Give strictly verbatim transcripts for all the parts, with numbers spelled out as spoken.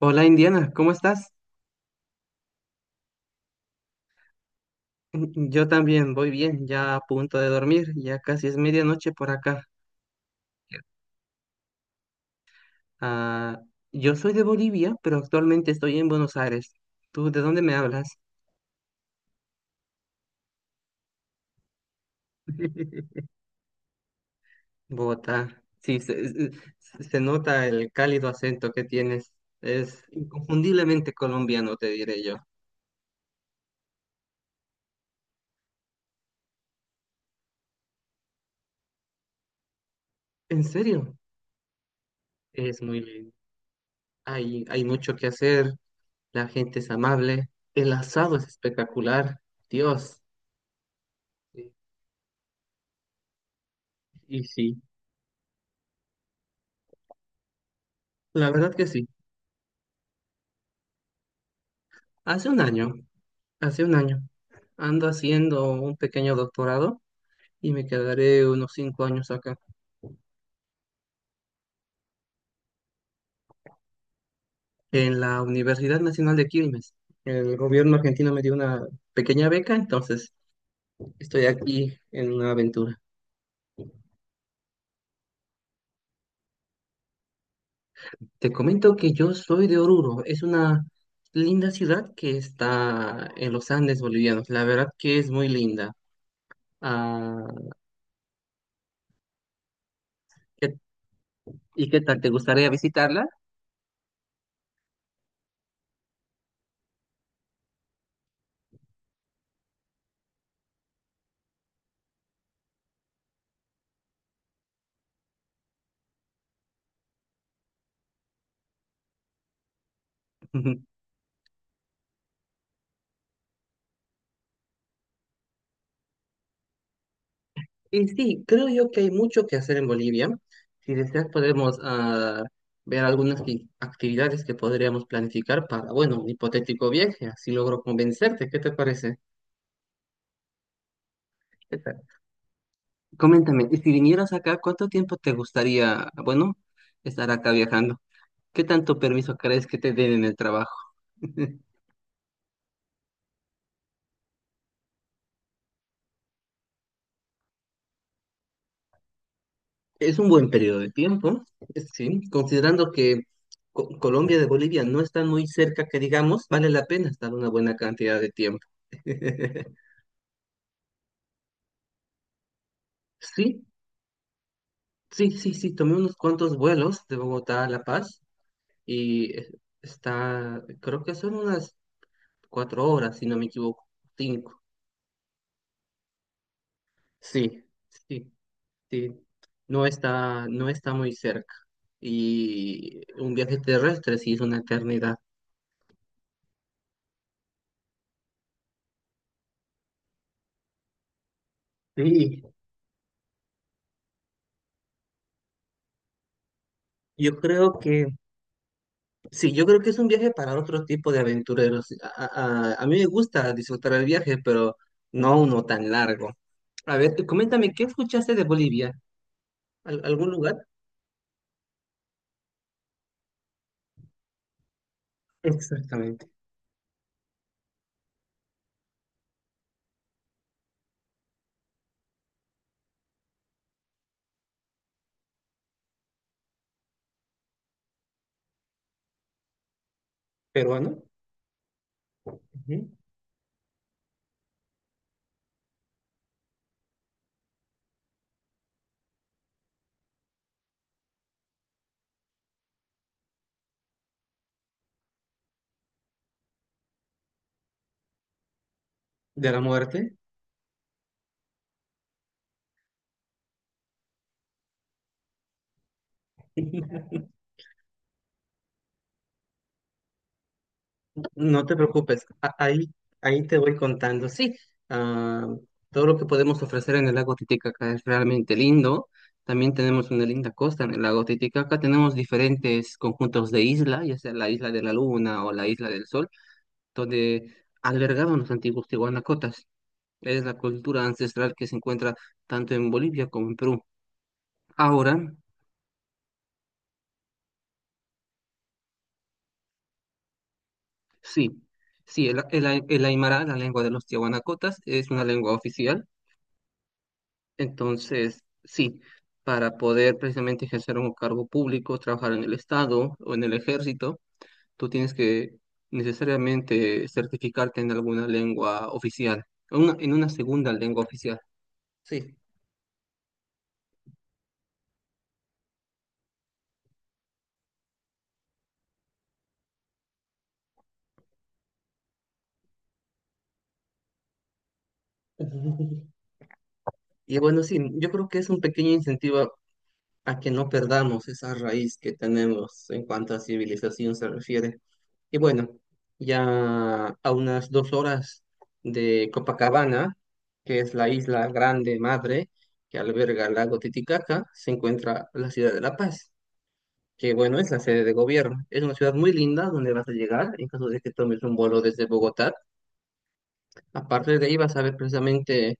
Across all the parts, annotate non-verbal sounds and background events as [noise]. Hola Indiana, ¿cómo estás? Mm, Yo también voy bien, ya a punto de dormir, ya casi es medianoche por acá. Ah, yo soy de Bolivia, pero actualmente estoy en Buenos Aires. ¿Tú de dónde me hablas? [laughs] Bogotá. Sí, se, eh, se- se nota el cálido acento que tienes. Es inconfundiblemente colombiano, te diré yo. ¿En serio? Es muy lindo. Hay, hay mucho que hacer, la gente es amable, el asado es espectacular. Dios. Y y sí. La verdad que sí. Hace un año, hace un año, ando haciendo un pequeño doctorado y me quedaré unos cinco años acá, en la Universidad Nacional de Quilmes. El gobierno argentino me dio una pequeña beca, entonces estoy aquí en una aventura. Te comento que yo soy de Oruro, es una linda ciudad que está en los Andes bolivianos. La verdad que es muy linda. Ah, ¿qué- ¿Y qué tal? ¿Te gustaría visitarla? [laughs] Y sí, creo yo que hay mucho que hacer en Bolivia. Si deseas, podemos ah, ver algunas i- actividades que podríamos planificar para, bueno, un hipotético viaje, así logro convencerte. ¿Qué te parece? ¿Qué tal? Coméntame, y si vinieras acá, ¿cuánto tiempo te gustaría, bueno, estar acá viajando? ¿Qué tanto permiso crees que te den en el trabajo? [laughs] Es un buen periodo de tiempo, es- sí, considerando que Co- Colombia de Bolivia no están muy cerca, que digamos, vale la pena estar una buena cantidad de tiempo. [laughs] Sí, sí, sí, sí, tomé unos cuantos vuelos de Bogotá a La Paz y eh, está, creo que son unas cuatro horas, si no me equivoco, cinco. Sí, sí, sí, no está, no está muy cerca. Y un viaje terrestre sí es una eternidad. Sí, yo creo que, sí, yo creo que es un viaje para otro tipo de aventureros. A, a- a mí me gusta disfrutar el viaje, pero no uno tan largo. A ver, tú coméntame, ¿qué escuchaste de Bolivia? al- algún lugar. Exactamente. Peruano, ujú, de la muerte. No te preocupes, a- ahí, ahí te voy contando. Sí, ah, todo lo que podemos ofrecer en el lago Titicaca es realmente lindo. También tenemos una linda costa en el lago Titicaca. Tenemos diferentes conjuntos de isla, ya sea la isla de la Luna o la isla del Sol, donde albergaban los antiguos tihuanacotas. Es la cultura ancestral que se encuentra tanto en Bolivia como en Perú. Ahora sí, sí, el, el el aymara, la lengua de los tiahuanacotas, es una lengua oficial. Entonces, sí, para poder precisamente ejercer un cargo público, trabajar en el Estado o en el ejército, tú tienes que necesariamente certificarte en alguna lengua oficial, en una, en una segunda lengua oficial. Sí. [laughs] Ujú. Y bueno, sí, yo creo que es un pequeño incentivo a que no perdamos esa raíz que tenemos en cuanto a civilización se refiere. Y bueno, ya a unas dos horas de Copacabana, que es la isla grande madre que alberga el lago Titicaca, se encuentra la ciudad de La Paz, que bueno, es la sede de gobierno. Es una ciudad muy linda donde vas a llegar en caso de que tomes un vuelo desde Bogotá. Aparte de ahí vas a ver precisamente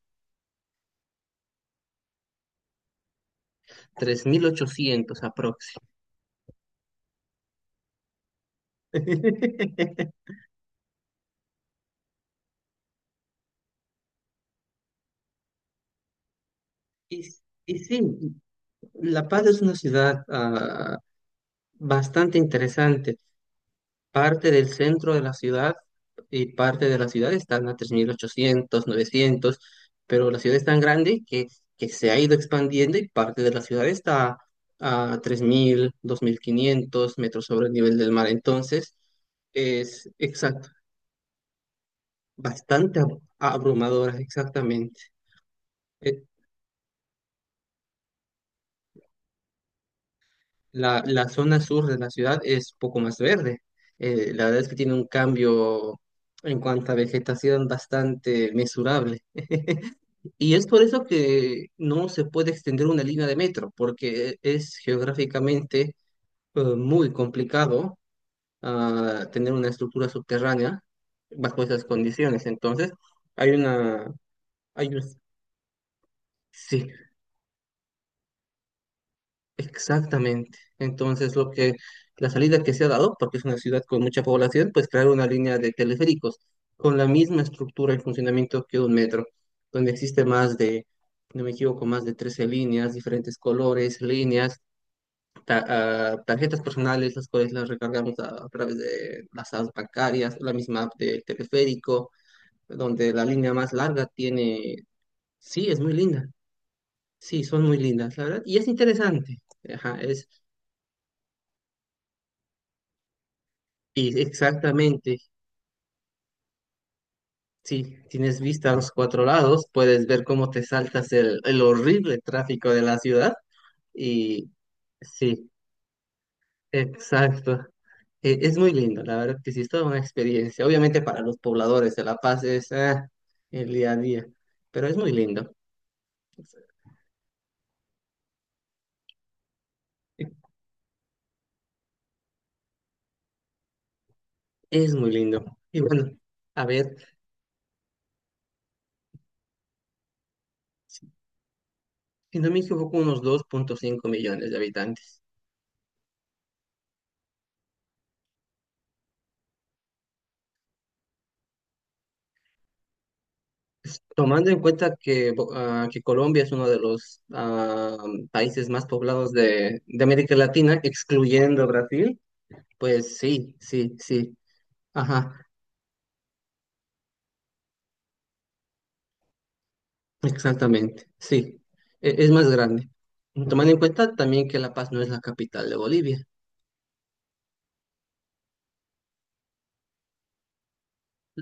tres mil ochocientos aprox. [laughs] Y, y sí, La Paz es una ciudad, ah, bastante interesante. Parte del centro de la ciudad y parte de la ciudad están a tres mil ochocientos novecientos, pero la ciudad es tan grande que, que se ha ido expandiendo y parte de la ciudad está a tres mil dos mil quinientos metros sobre el nivel del mar. Entonces, es exacto, bastante ab- abrumadora, exactamente. Eh, La, la zona sur de la ciudad es poco más verde. Eh, la verdad es que tiene un cambio en cuanto a vegetación bastante mesurable. [laughs] Y es por eso que no se puede extender una línea de metro, porque es geográficamente eh, muy complicado, ah, tener una estructura subterránea bajo esas condiciones. Entonces, hay una, hay un- sí, exactamente. Entonces, lo que, la salida que se ha dado, porque es una ciudad con mucha población, pues crear una línea de teleféricos con la misma estructura y funcionamiento que un metro, donde existe más de, si no me equivoco, más de trece líneas, diferentes colores, líneas, ta- ah, tarjetas personales, las cuales las recargamos a, a través de las apps bancarias, la misma app del teleférico, donde la línea más larga tiene, sí, es muy linda, sí, son muy lindas, la verdad, y es interesante, ajá, es, y exactamente, sí, tienes vista a los cuatro lados, puedes ver cómo te saltas el, el horrible tráfico de la ciudad, y sí, exacto. Eh, es muy lindo, la verdad que sí, es toda una experiencia. Obviamente para los pobladores de La Paz es ah, el día a día, pero es muy lindo. Es muy lindo. Y bueno, a ver, si, si no me equivoco, unos dos punto cinco millones de habitantes. Tomando en cuenta que, Bo- ah, que Colombia es uno de los ah, países más poblados de, de América Latina, excluyendo Brasil, pues sí, sí, sí. Ajá. Exactamente, sí, e- es más grande. Tomando en cuenta también que La Paz no es la capital de Bolivia,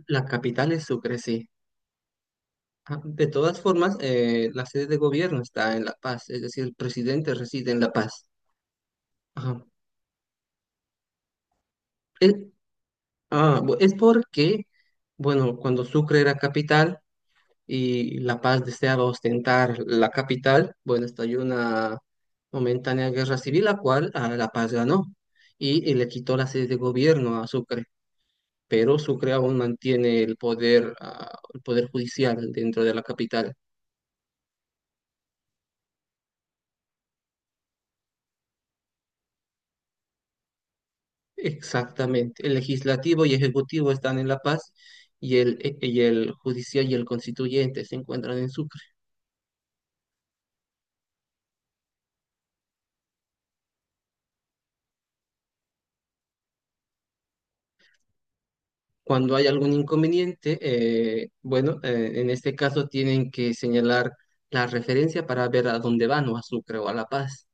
la capital es Sucre, sí. Ah, de todas formas, eh, la sede de gobierno está en La Paz, es decir, el presidente reside en La Paz. Ajá. Es, ah, bu- es porque, bueno, cuando Sucre era capital y La Paz deseaba ostentar la capital, bueno, estalló una momentánea guerra civil, la cual ah, La Paz ganó y, y le quitó la sede de gobierno a Sucre. Pero Sucre aún mantiene el poder, ah, el poder judicial dentro de la capital. Exactamente. El legislativo y ejecutivo están en La Paz y el, e- y el judicial y el constituyente se encuentran en Sucre. Cuando hay algún inconveniente, eh, bueno, eh, en este caso tienen que señalar la referencia para ver a dónde van o a Sucre o a La Paz.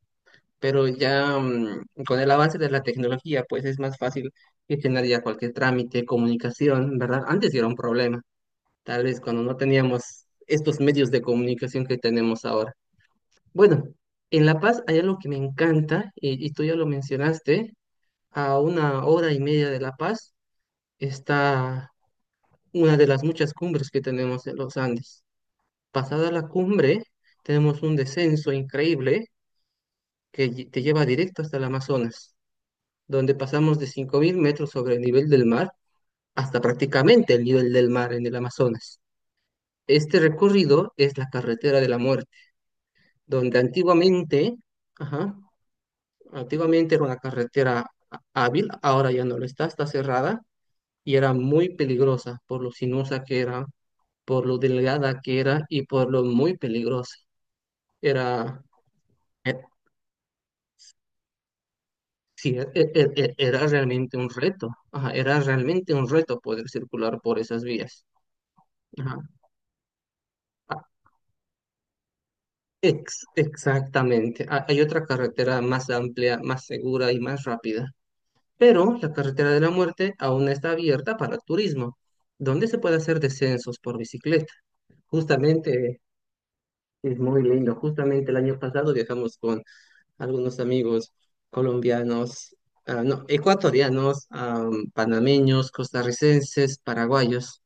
Pero ya mm, con el avance de la tecnología, pues es más fácil gestionar ya cualquier trámite, comunicación, ¿verdad? Antes sí era un problema. Tal vez cuando no teníamos estos medios de comunicación que tenemos ahora. Bueno, en La Paz hay algo que me encanta, y, y tú ya lo mencionaste. A una hora y media de La Paz está una de las muchas cumbres que tenemos en los Andes. Pasada la cumbre, tenemos un descenso increíble que lle- te lleva directo hasta el Amazonas, donde pasamos de cinco mil metros sobre el nivel del mar hasta prácticamente el nivel del mar en el Amazonas. Este recorrido es la carretera de la muerte, donde antiguamente, ajá, antiguamente era una carretera há- hábil. Ahora ya no lo está, está cerrada, y era muy peligrosa por lo sinuosa que era, por lo delgada que era y por lo muy peligrosa. Era, eh, sí, e- e- e- e, era realmente un reto, ajá, era realmente un reto poder circular por esas vías. Ajá. Ah, ex- Exactamente. Ah, hay otra carretera más amplia, más segura y más rápida. Pero la carretera de la muerte aún está abierta para turismo, donde se puede hacer descensos por bicicleta. Justamente es muy lindo. Justamente el año pasado viajamos con algunos amigos colombianos, ah, no, ecuatorianos, am, panameños, costarricenses, paraguayos,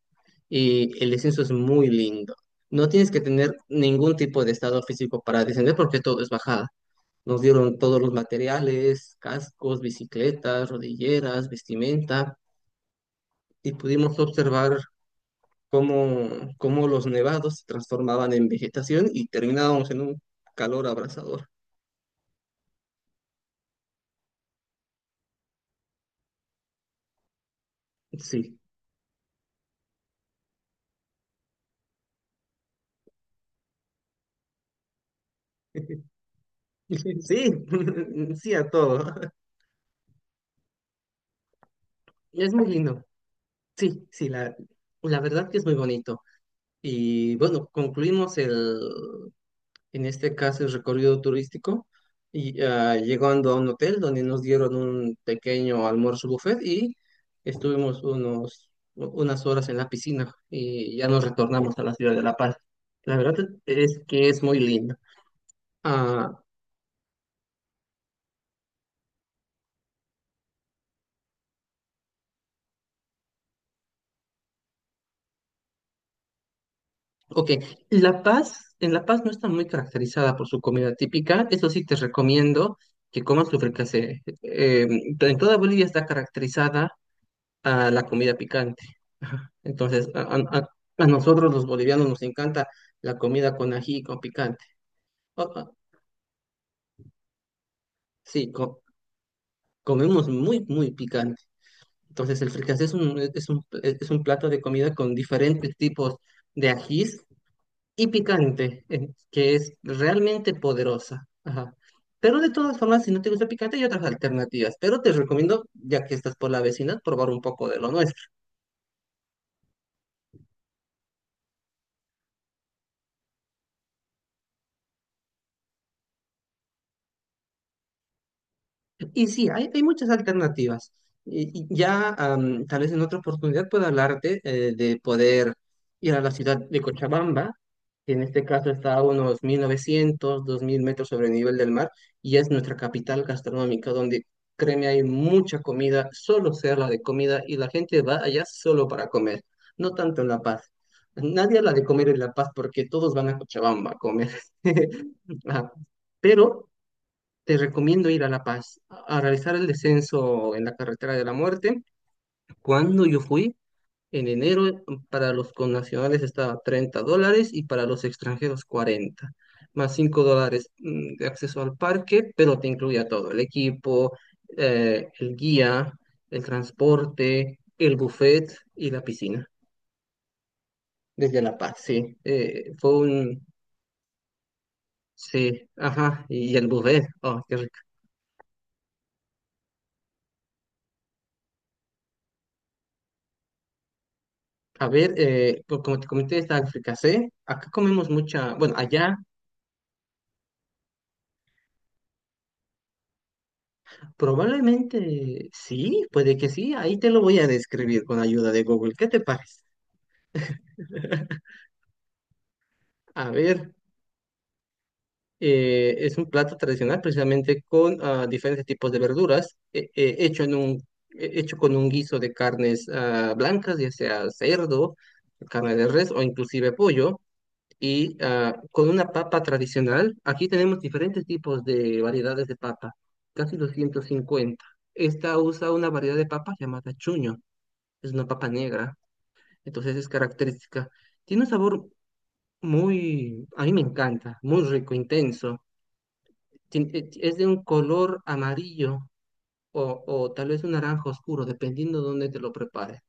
y el descenso es muy lindo. No tienes que tener ningún tipo de estado físico para descender porque todo es bajada. Nos dieron todos los materiales: cascos, bicicletas, rodilleras, vestimenta, y pudimos observar cómo, cómo los nevados se transformaban en vegetación y terminábamos en un calor abrasador. Sí, [laughs] sí, [laughs] sí a todo. Es muy lindo. Sí, sí, la, la verdad que es muy bonito. Y bueno, concluimos el, en este caso el recorrido turístico, y ah, llegando a un hotel donde nos dieron un pequeño almuerzo buffet, y estuvimos unos, unas horas en la piscina y ya nos retornamos a la ciudad de La Paz. La verdad es que es muy lindo. Ah, ok, La Paz, en La Paz no está muy caracterizada por su comida típica. Eso sí te recomiendo que comas tu fricasé. Eh, en toda Bolivia está caracterizada a la comida picante. Ajá. Entonces, a, a- a- a nosotros los bolivianos nos encanta la comida con ají y con picante. O- o- sí, co- comemos muy, muy picante. Entonces, el fricasé es un, es un, es un plato de comida con diferentes tipos de ajís y picante, eh, que es realmente poderosa. Ajá. Pero de todas formas, si no te gusta picante, hay otras alternativas. Pero te recomiendo, ya que estás por la vecina, probar un poco de lo nuestro. Y sí, hay, hay muchas alternativas. Y- y ya am, tal vez en otra oportunidad pueda hablarte eh, de poder ir a la ciudad de Cochabamba, que en este caso está a unos mil novecientos dos mil metros sobre el nivel del mar, y es nuestra capital gastronómica, donde créeme, hay mucha comida, solo se habla de comida, y la gente va allá solo para comer, no tanto en La Paz. Nadie habla de comer en La Paz porque todos van a Cochabamba a comer. [laughs] Ajá. Pero te recomiendo ir a La Paz a a realizar el descenso en la carretera de la muerte. Cuando yo fui, en enero, para los connacionales estaba treinta dólares y para los extranjeros cuarenta más cinco dólares, mm, de acceso al parque, pero te incluía todo: el equipo, eh, el guía, el transporte, el buffet y la piscina. Desde La Paz, sí. Eh, fue un... Sí, ajá, y el buffet. Oh, qué... A ver, eh, pues como te comenté, está África C. Acá comemos mucha, bueno, allá probablemente sí, puede que sí. Ahí te lo voy a describir con ayuda de Google. ¿Qué te parece? [laughs] A ver, eh, es un plato tradicional precisamente con, ah, diferentes tipos de verduras, eh, eh, hecho en un, eh, hecho con un guiso de carnes, ah, blancas, ya sea cerdo, carne de res o inclusive pollo. Y ah, con una papa tradicional. Aquí tenemos diferentes tipos de variedades de papa, casi doscientos cincuenta. Esta usa una variedad de papa llamada chuño, es una papa negra, entonces es característica. Tiene un sabor muy, a mí me encanta, muy rico, intenso. Tien- eh, Es de un color amarillo o, o tal vez un naranja oscuro, dependiendo de dónde te lo prepares.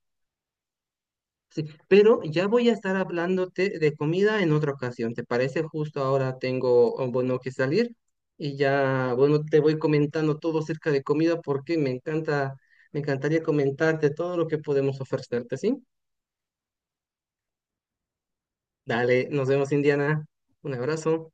Sí, pero ya voy a estar hablándote de comida en otra ocasión. ¿Te parece? Justo ahora tengo, oh, bueno, que salir, y ya, bueno, te voy comentando todo acerca de comida porque me encanta, me encantaría comentarte todo lo que podemos ofrecerte, ¿sí? Dale, nos vemos, Indiana. Un abrazo.